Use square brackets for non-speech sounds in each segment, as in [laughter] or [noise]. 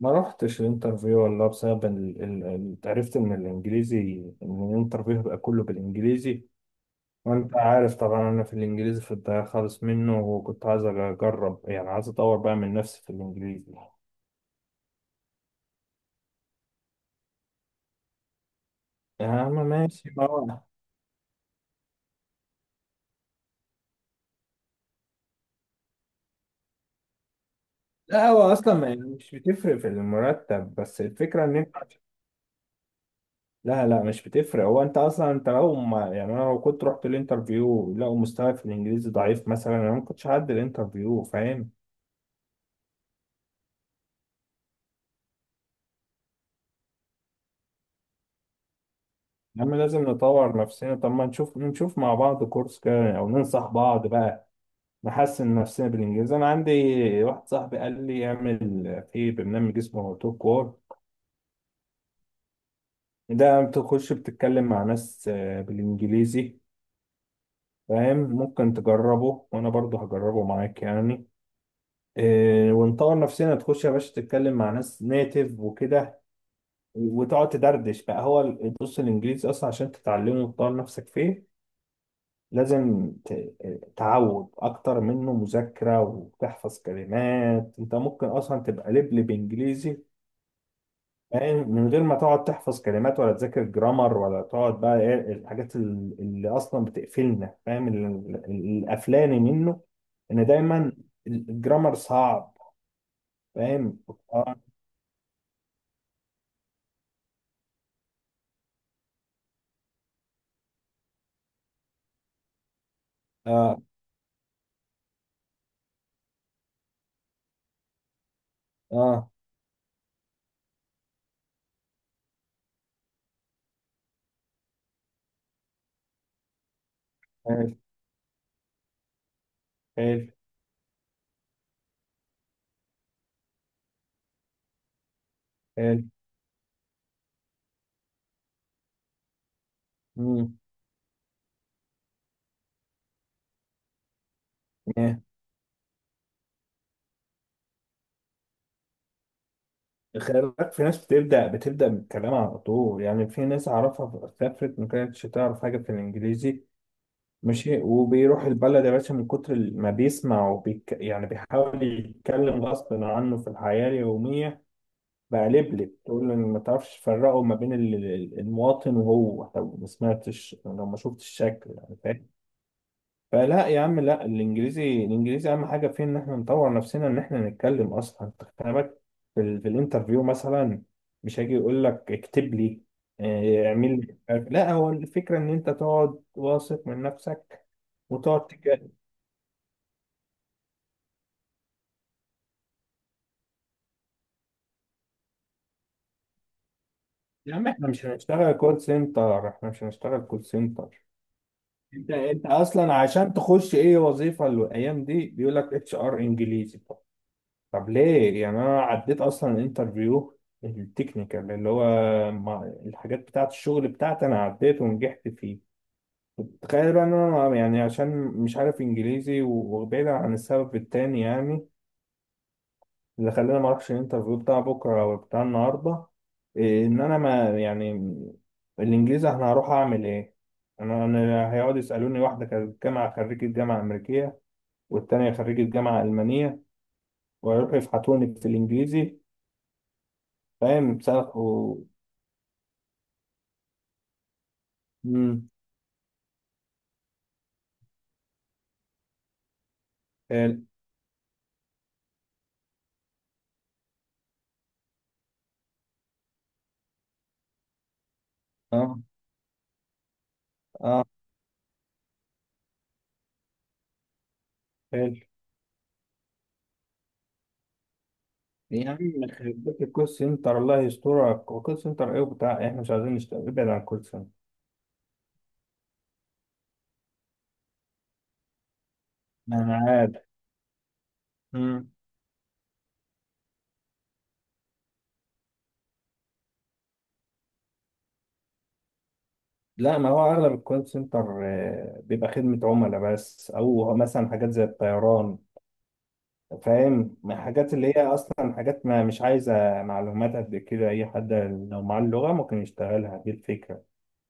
ما روحتش الانترفيو والله بسبب عرفت ان الانترفيو هيبقى كله بالانجليزي. وانت عارف طبعا انا في الانجليزي في الضياع خالص منه، وكنت عايز اجرب، يعني عايز اطور بقى من نفسي في الانجليزي. يا عم ماشي، ما هو لا هو اصلا يعني مش بتفرق في المرتب، بس الفكره ان انت. لا لا مش بتفرق، هو انت اصلا انت لو ما يعني انا لو كنت رحت الانترفيو لقوا مستواي في الانجليزي ضعيف مثلا، انا ما كنتش هعدي الانترفيو، فاهم؟ يا عم لازم نطور نفسنا. طب ما نشوف مع بعض كورس كده او ننصح بعض بقى، نحسن نفسنا بالانجليزي. انا عندي واحد صاحبي قال لي اعمل في برنامج اسمه توك وور، ده بتخش بتتكلم مع ناس، بالانجليزي. فاهم؟ ممكن تجربه وانا برضه هجربه معاك يعني، ونطور نفسنا. تخش يا باشا تتكلم مع ناس نيتيف وكده، وتقعد تدردش بقى. هو بص الانجليزي اصلا عشان تتعلمه وتطور نفسك فيه لازم تعود اكتر منه مذاكرة وتحفظ كلمات. انت ممكن اصلا تبقى لبلب انجليزي، فاهم؟ من غير ما تقعد تحفظ كلمات ولا تذاكر جرامر ولا تقعد بقى ايه الحاجات اللي اصلا بتقفلنا، فاهم؟ القفلاني منه ان دايما الجرامر صعب، فاهم؟ اه، اه، اه. حلو، حلو، حلو. مم، خلي بالك في ناس بتبدأ بالكلام على طول. يعني في ناس أعرفها سافرت ما كانتش تعرف حاجة في الإنجليزي ماشي، وبيروح البلد يا باشا من كتر ما بيسمع وبيك يعني بيحاول يتكلم غصب عنه في الحياة اليومية. بقى لبلب تقول له إن ما تعرفش تفرقه ما بين المواطن وهو. لو ما سمعتش لو ما شفتش الشكل يعني، فاهم؟ فلا يا عم لا، الانجليزي اهم حاجه فيه ان احنا نطور نفسنا، ان احنا نتكلم اصلا. انت خلي بالك في الانترفيو مثلا مش هيجي يقول لك اكتب لي، اعمل لي مش عارف. لا هو الفكره ان انت تقعد واثق من نفسك وتقعد تك... يا عم احنا مش هنشتغل كول سنتر، احنا مش هنشتغل كول سنتر. انت اصلا عشان تخش اي وظيفه الايام دي بيقول لك اتش ار انجليزي. طب ليه؟ يعني انا عديت اصلا الانترفيو التكنيكال اللي هو الحاجات بتاعه الشغل بتاعتي، انا عديت ونجحت فيه. تخيل بقى ان انا يعني عشان مش عارف انجليزي وبعيدا عن السبب التاني يعني اللي خلاني ما اروحش الانترفيو بتاع بكره او بتاع النهارده، ان انا ما يعني الانجليزي انا هروح اعمل ايه؟ انا هيقعدوا يسالوني، واحده كانت جامعه خريجه جامعه امريكيه والتانيه خريجه جامعه المانيه، ويروحوا يفحطوني في الانجليزي، فاهم؟ سقف و... مم. حلو. اه، اه. حلو. يا عم يخرب بيت الكول سنتر، الله يسترك، وكول سنتر ايه وبتاع، احنا مش عايزين نشتغل، ابعد عن الكول سنتر. انا عاد. مم. لا ما هو اغلب الكول سنتر بيبقى خدمة عملاء بس، او مثلا حاجات زي الطيران، فاهم؟ حاجات اللي هي اصلا حاجات ما مش عايزة معلومات قد كده، اي حد لو معاه اللغة ممكن يشتغلها، دي الفكرة.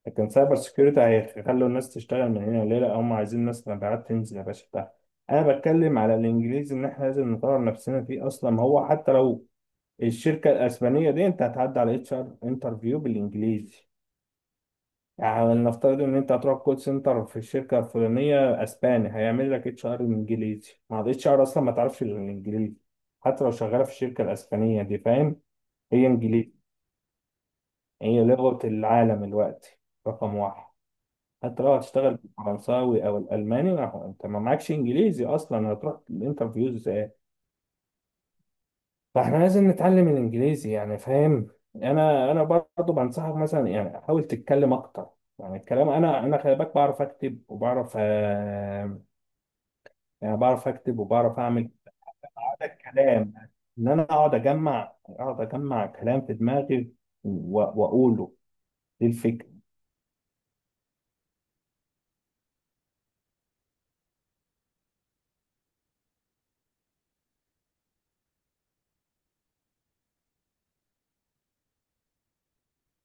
لكن سايبر سكيورتي هيخلوا الناس تشتغل من هنا ليه؟ لا، هم عايزين ناس مبيعات تنزل يا باشا بتاع. انا بتكلم على الانجليزي ان احنا لازم نطور نفسنا فيه اصلا. هو حتى لو الشركه الاسبانيه دي انت هتعدي على اتش ار انترفيو بالانجليزي. يعني نفترض ان انت هتروح كول سنتر في الشركه الفلانيه اسباني، هيعمل لك اتش ار انجليزي. مع الاتش ار اصلا ما تعرفش الانجليزي حتى لو شغاله في الشركه الاسبانيه دي، فاهم؟ هي انجليزي، هي لغه العالم الوقت، رقم واحد. حتى لو هتشتغل بالفرنساوي او الالماني، انت ما معكش انجليزي اصلا هتروح الانترفيوز ايه؟ فاحنا لازم نتعلم الانجليزي يعني، فاهم؟ انا برضه بنصحك مثلا يعني حاول تتكلم اكتر. يعني الكلام انا خلي بالك بعرف اكتب وبعرف، يعني بعرف اكتب وبعرف اعمل هذا الكلام. ان انا اقعد اجمع كلام في دماغي واقوله، دي الفكره.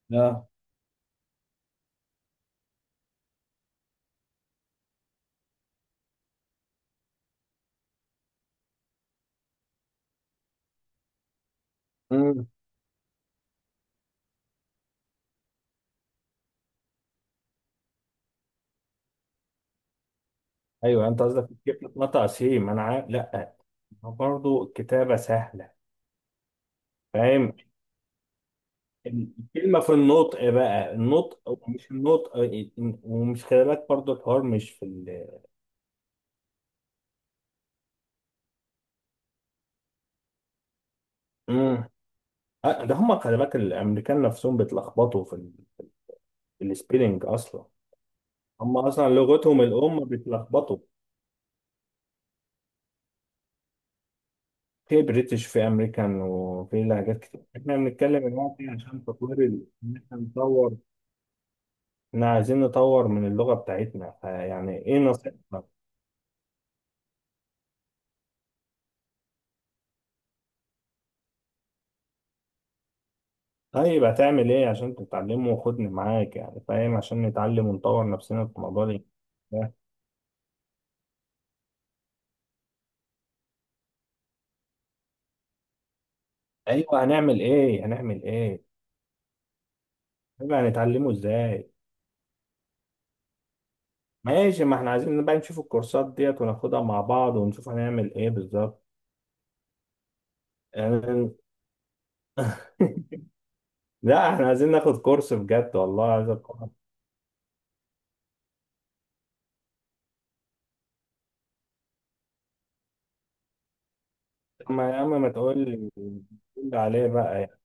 لا. امم. ايوه انت قصدك كيف تتنطع سيم، انا عارف. لا برضه الكتابة سهلة، فاهم؟ الكلمة في النطق بقى، النطق ومش النطق، ومش خلي بالك برضه الحوار مش في ال... مم. ده هم خلي بالك الأمريكان نفسهم بيتلخبطوا في السبيلينج أصلا. هم أصلا لغتهم الأم بيتلخبطوا. في بريتش في أمريكان وفي لهجات كتير، إحنا بنتكلم دلوقتي عشان تطوير إن إحنا نطور، إحنا عايزين نطور من اللغة بتاعتنا. فيعني إيه نصيحتك؟ طيب هتعمل ايه عشان تتعلمه وخدني معاك يعني، فاهم؟ عشان نتعلم ونطور نفسنا في الموضوع ده. ده. ايوه هنعمل ايه؟ هنعمل ايه؟ طيب هنتعلمه ازاي؟ ماشي، ما احنا عايزين بقى نشوف الكورسات ديت وناخدها مع بعض ونشوف هنعمل ايه بالظبط. يعني- [laughs] لا احنا عايزين ناخد كورس بجد والله، عايز أتكلم. اما يا عم ما تقول لي، تقول لي عليه بقى يعني.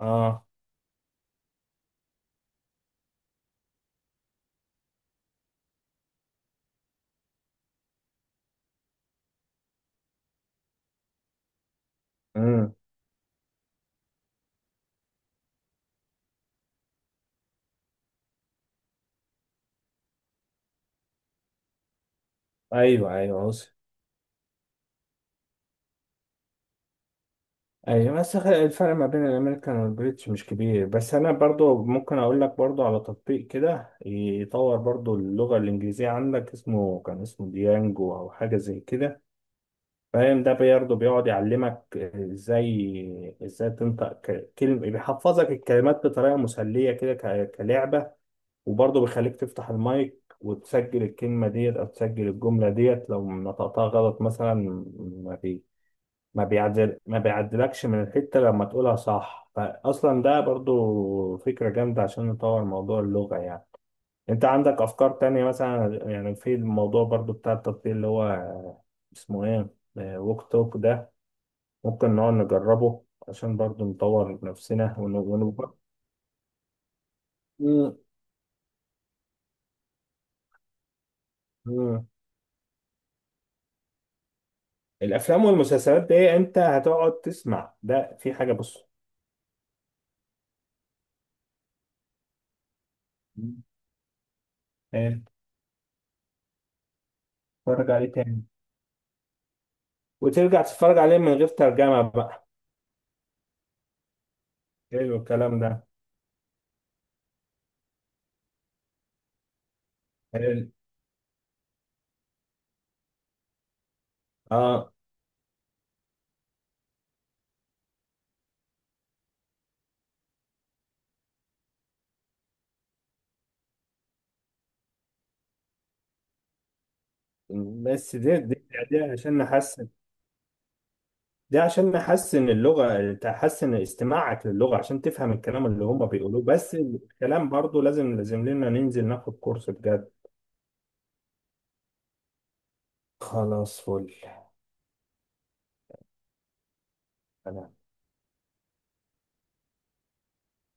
اه. امم. ايوه. ايوه وصل. ايوه بس الفرق ما بين الامريكان والبريتش مش كبير، بس انا برضو ممكن اقول لك برضو على تطبيق كده يطور برضو اللغه الانجليزيه عندك، اسمه كان اسمه ديانجو او حاجه زي كده، فاهم؟ ده برضو بيقعد يعلمك ازاي تنطق كلمه، بيحفظك الكلمات بطريقه مسليه كده كلعبه. وبرضو بيخليك تفتح المايك وتسجل الكلمه ديت او تسجل الجمله ديت لو نطقتها غلط مثلا. ما ما بيعدلكش من الحتة لما تقولها صح، فأصلا ده برضو فكرة جامدة عشان نطور موضوع اللغة يعني. أنت عندك أفكار تانية مثلا يعني في الموضوع برضو بتاع التطبيق اللي هو اسمه إيه، ووك توك ده، ممكن نقعد نجربه عشان برضو نطور نفسنا مم. مم. الأفلام والمسلسلات دي أنت هتقعد تسمع ده، في حاجة بص. مم. إيه، اتفرج عليه تاني، وترجع تتفرج عليه من غير ترجمة بقى. حلو الكلام ده. حلو. اه بس دي عشان نحسن، دي عشان نحسن اللغة، تحسن استماعك للغة عشان تفهم الكلام اللي هم بيقولوه. بس الكلام برضو لازم لنا ننزل ناخد كورس بجد. خلاص فل.